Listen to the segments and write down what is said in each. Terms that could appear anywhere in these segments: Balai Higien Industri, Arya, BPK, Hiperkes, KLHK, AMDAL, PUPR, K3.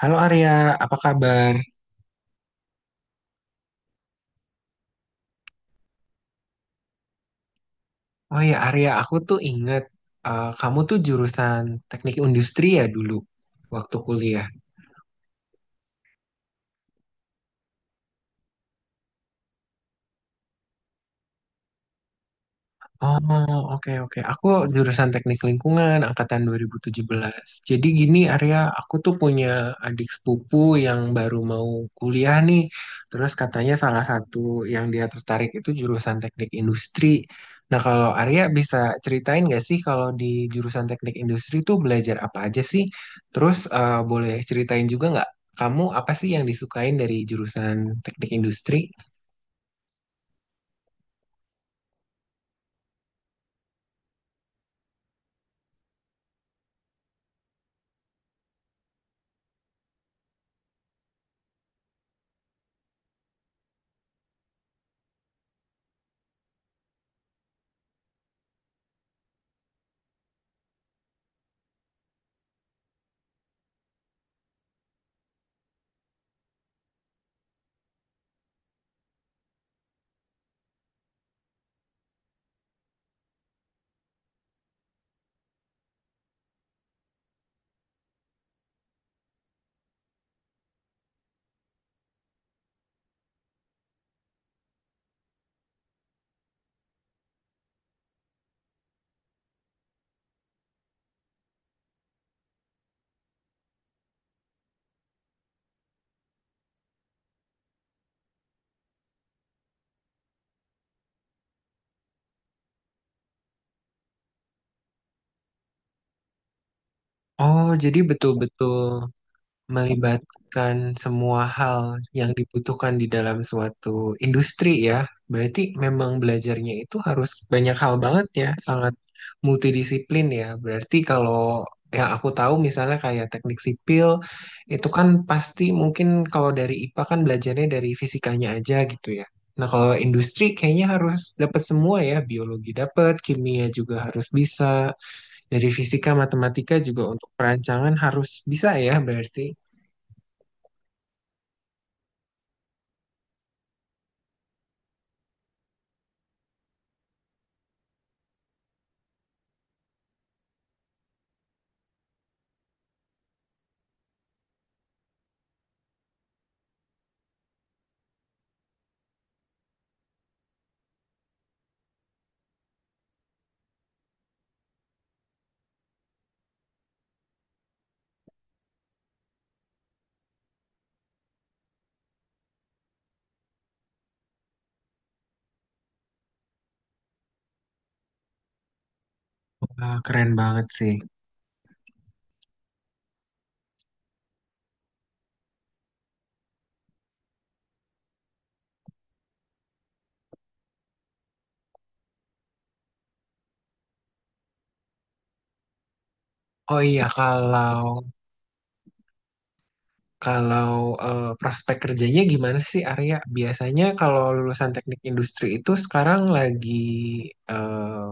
Halo Arya, apa kabar? Oh ya Arya, aku tuh inget, kamu tuh jurusan teknik industri ya dulu waktu kuliah. Oh, oke, oke. Aku jurusan Teknik Lingkungan angkatan 2017. Jadi gini Arya, aku tuh punya adik sepupu yang baru mau kuliah nih. Terus katanya salah satu yang dia tertarik itu jurusan Teknik Industri. Nah, kalau Arya bisa ceritain nggak sih kalau di jurusan Teknik Industri tuh belajar apa aja sih? Terus boleh ceritain juga nggak kamu apa sih yang disukain dari jurusan Teknik Industri? Oh, jadi betul-betul melibatkan semua hal yang dibutuhkan di dalam suatu industri ya. Berarti memang belajarnya itu harus banyak hal banget ya, sangat multidisiplin ya. Berarti kalau yang aku tahu misalnya kayak teknik sipil itu kan pasti mungkin kalau dari IPA kan belajarnya dari fisikanya aja gitu ya. Nah, kalau industri kayaknya harus dapat semua ya, biologi dapat, kimia juga harus bisa, dari fisika, matematika juga untuk perancangan harus bisa ya berarti. Ah, keren banget sih. Oh iya, kalau kalau prospek kerjanya gimana sih Arya? Biasanya kalau lulusan teknik industri itu sekarang lagi eh,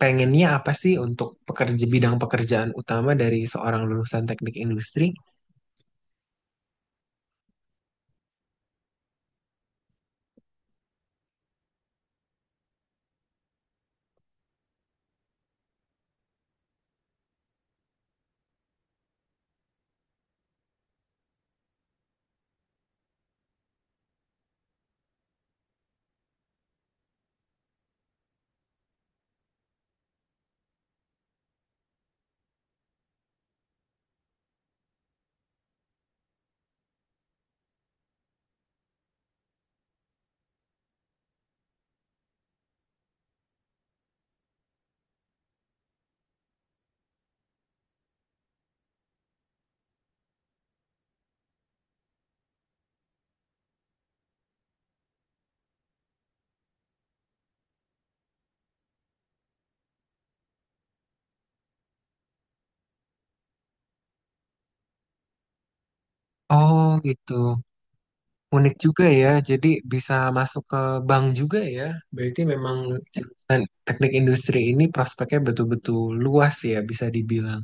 pengennya apa sih untuk pekerja bidang pekerjaan utama dari seorang lulusan teknik industri? Oh gitu. Unik juga ya, jadi bisa masuk ke bank juga ya. Berarti memang teknik industri ini prospeknya betul-betul luas ya, bisa dibilang.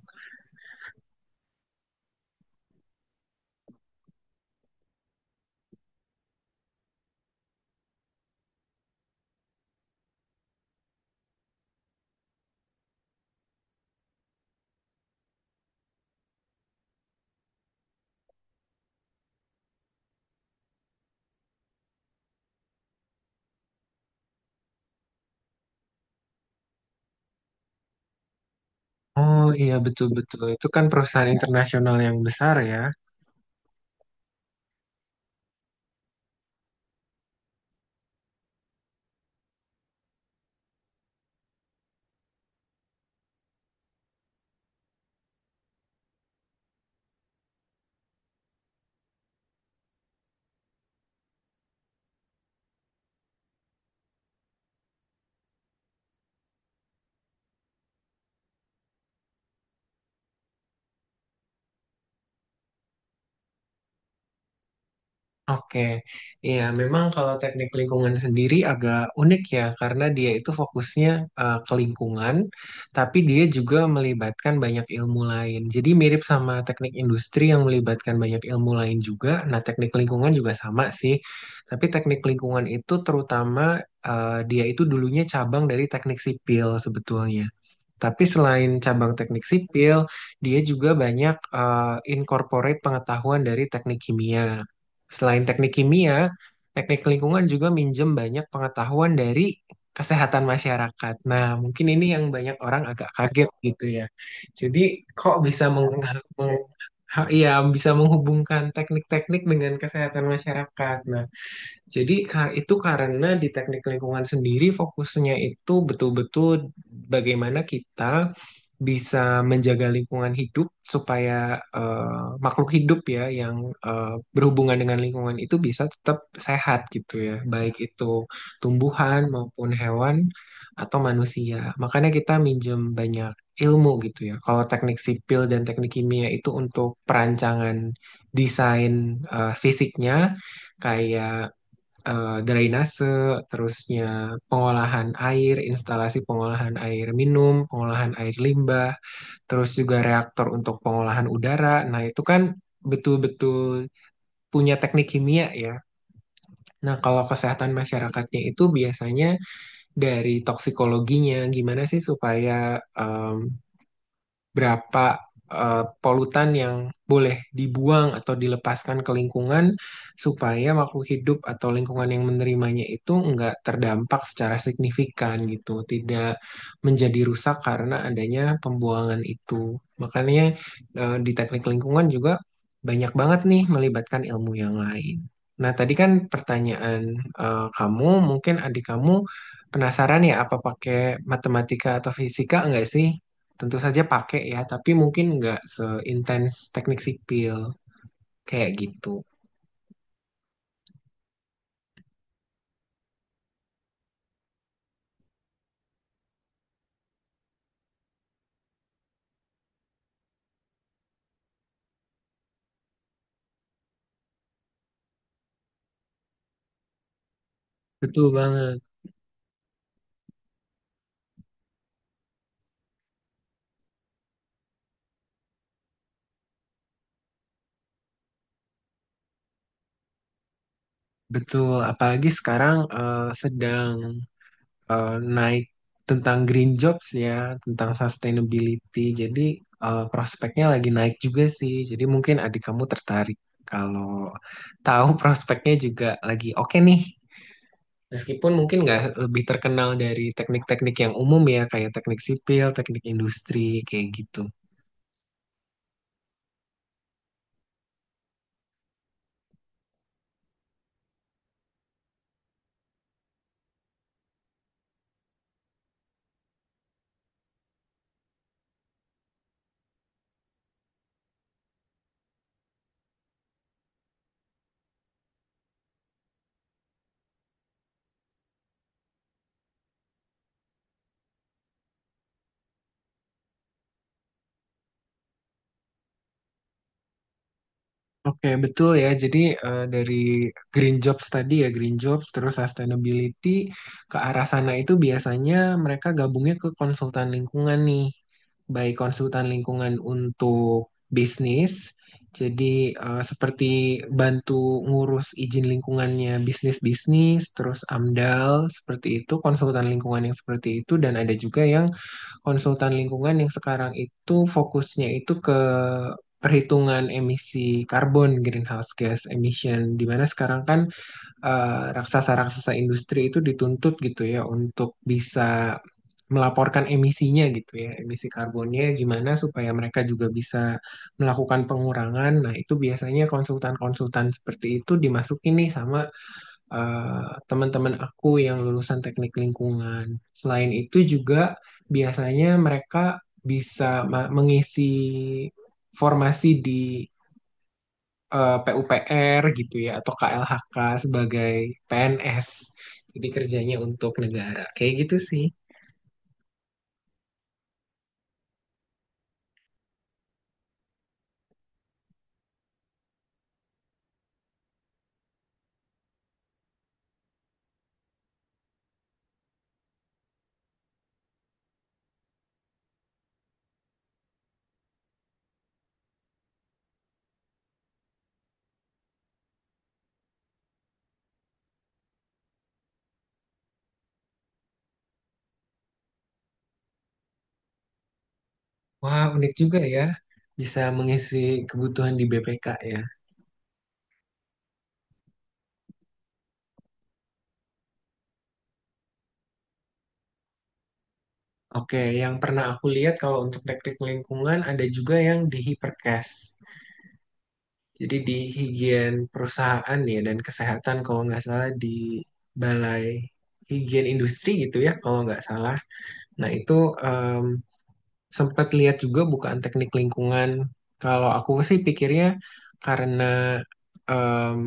Oh iya, betul-betul, itu kan perusahaan internasional yang besar ya. Oke, iya memang kalau teknik lingkungan sendiri agak unik ya, karena dia itu fokusnya ke lingkungan, tapi dia juga melibatkan banyak ilmu lain. Jadi mirip sama teknik industri yang melibatkan banyak ilmu lain juga. Nah, teknik lingkungan juga sama sih, tapi teknik lingkungan itu terutama, dia itu dulunya cabang dari teknik sipil sebetulnya. Tapi selain cabang teknik sipil, dia juga banyak incorporate pengetahuan dari teknik kimia. Selain teknik kimia, teknik lingkungan juga minjem banyak pengetahuan dari kesehatan masyarakat. Nah, mungkin ini yang banyak orang agak kaget gitu ya. Jadi, kok bisa meng, meng- ha- iya, bisa menghubungkan teknik-teknik dengan kesehatan masyarakat? Nah, jadi itu karena di teknik lingkungan sendiri fokusnya itu betul-betul bagaimana kita bisa menjaga lingkungan hidup supaya makhluk hidup ya yang berhubungan dengan lingkungan itu bisa tetap sehat gitu ya, baik itu tumbuhan maupun hewan atau manusia. Makanya kita minjem banyak ilmu gitu ya. Kalau teknik sipil dan teknik kimia itu untuk perancangan desain fisiknya, kayak drainase, terusnya pengolahan air, instalasi pengolahan air minum, pengolahan air limbah, terus juga reaktor untuk pengolahan udara. Nah, itu kan betul-betul punya teknik kimia ya. Nah, kalau kesehatan masyarakatnya itu biasanya dari toksikologinya, gimana sih supaya em, berapa polutan yang boleh dibuang atau dilepaskan ke lingkungan supaya makhluk hidup atau lingkungan yang menerimanya itu nggak terdampak secara signifikan gitu, tidak menjadi rusak karena adanya pembuangan itu. Makanya di teknik lingkungan juga banyak banget nih melibatkan ilmu yang lain. Nah, tadi kan pertanyaan kamu, mungkin adik kamu penasaran ya apa pakai matematika atau fisika enggak sih? Tentu saja pakai ya, tapi mungkin nggak seintens teknik sipil kayak gitu. Betul banget, betul. Apalagi sekarang sedang eh, naik tentang green jobs ya, tentang sustainability. Jadi prospeknya lagi naik juga sih. Jadi mungkin adik kamu tertarik kalau tahu prospeknya juga lagi oke nih. Meskipun mungkin nggak lebih terkenal dari teknik-teknik yang umum ya, kayak teknik sipil, teknik industri, kayak gitu. Oke, betul ya. Jadi dari green jobs tadi ya, green jobs terus sustainability ke arah sana itu biasanya mereka gabungnya ke konsultan lingkungan nih. Baik konsultan lingkungan untuk bisnis, jadi seperti bantu ngurus izin lingkungannya bisnis-bisnis, terus AMDAL seperti itu, konsultan lingkungan yang seperti itu, dan ada juga yang konsultan lingkungan yang sekarang itu fokusnya itu ke perhitungan emisi karbon greenhouse gas emission di mana sekarang kan raksasa-raksasa industri itu dituntut gitu ya untuk bisa melaporkan emisinya gitu ya, emisi karbonnya gimana supaya mereka juga bisa melakukan pengurangan. Nah, itu biasanya konsultan-konsultan seperti itu dimasukin nih sama eh, teman-teman aku yang lulusan teknik lingkungan. Selain itu juga biasanya mereka bisa mengisi formasi di PUPR gitu ya atau KLHK sebagai PNS. Jadi kerjanya untuk negara. Kayak gitu sih. Wah, unik juga ya. Bisa mengisi kebutuhan di BPK ya. Oke, yang pernah aku lihat kalau untuk teknik lingkungan ada juga yang di Hiperkes. Jadi di higien perusahaan ya dan kesehatan kalau nggak salah, di Balai Higien Industri gitu ya kalau nggak salah. Nah itu, em, sempat lihat juga bukaan teknik lingkungan. Kalau aku sih pikirnya karena em,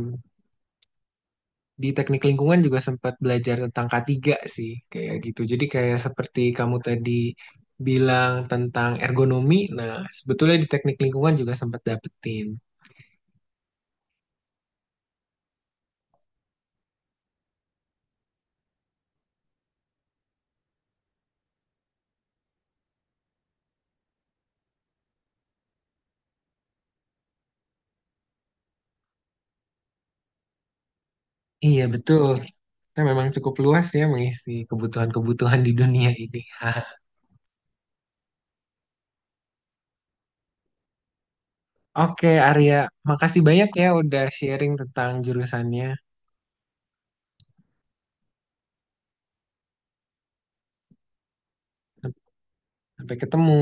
di teknik lingkungan juga sempat belajar tentang K3 sih kayak gitu. Jadi kayak seperti kamu tadi bilang tentang ergonomi. Nah sebetulnya di teknik lingkungan juga sempat dapetin. Iya betul. Kita memang cukup luas ya mengisi kebutuhan-kebutuhan di dunia ini. Oke, Arya, makasih banyak ya udah sharing tentang jurusannya. Sampai ketemu.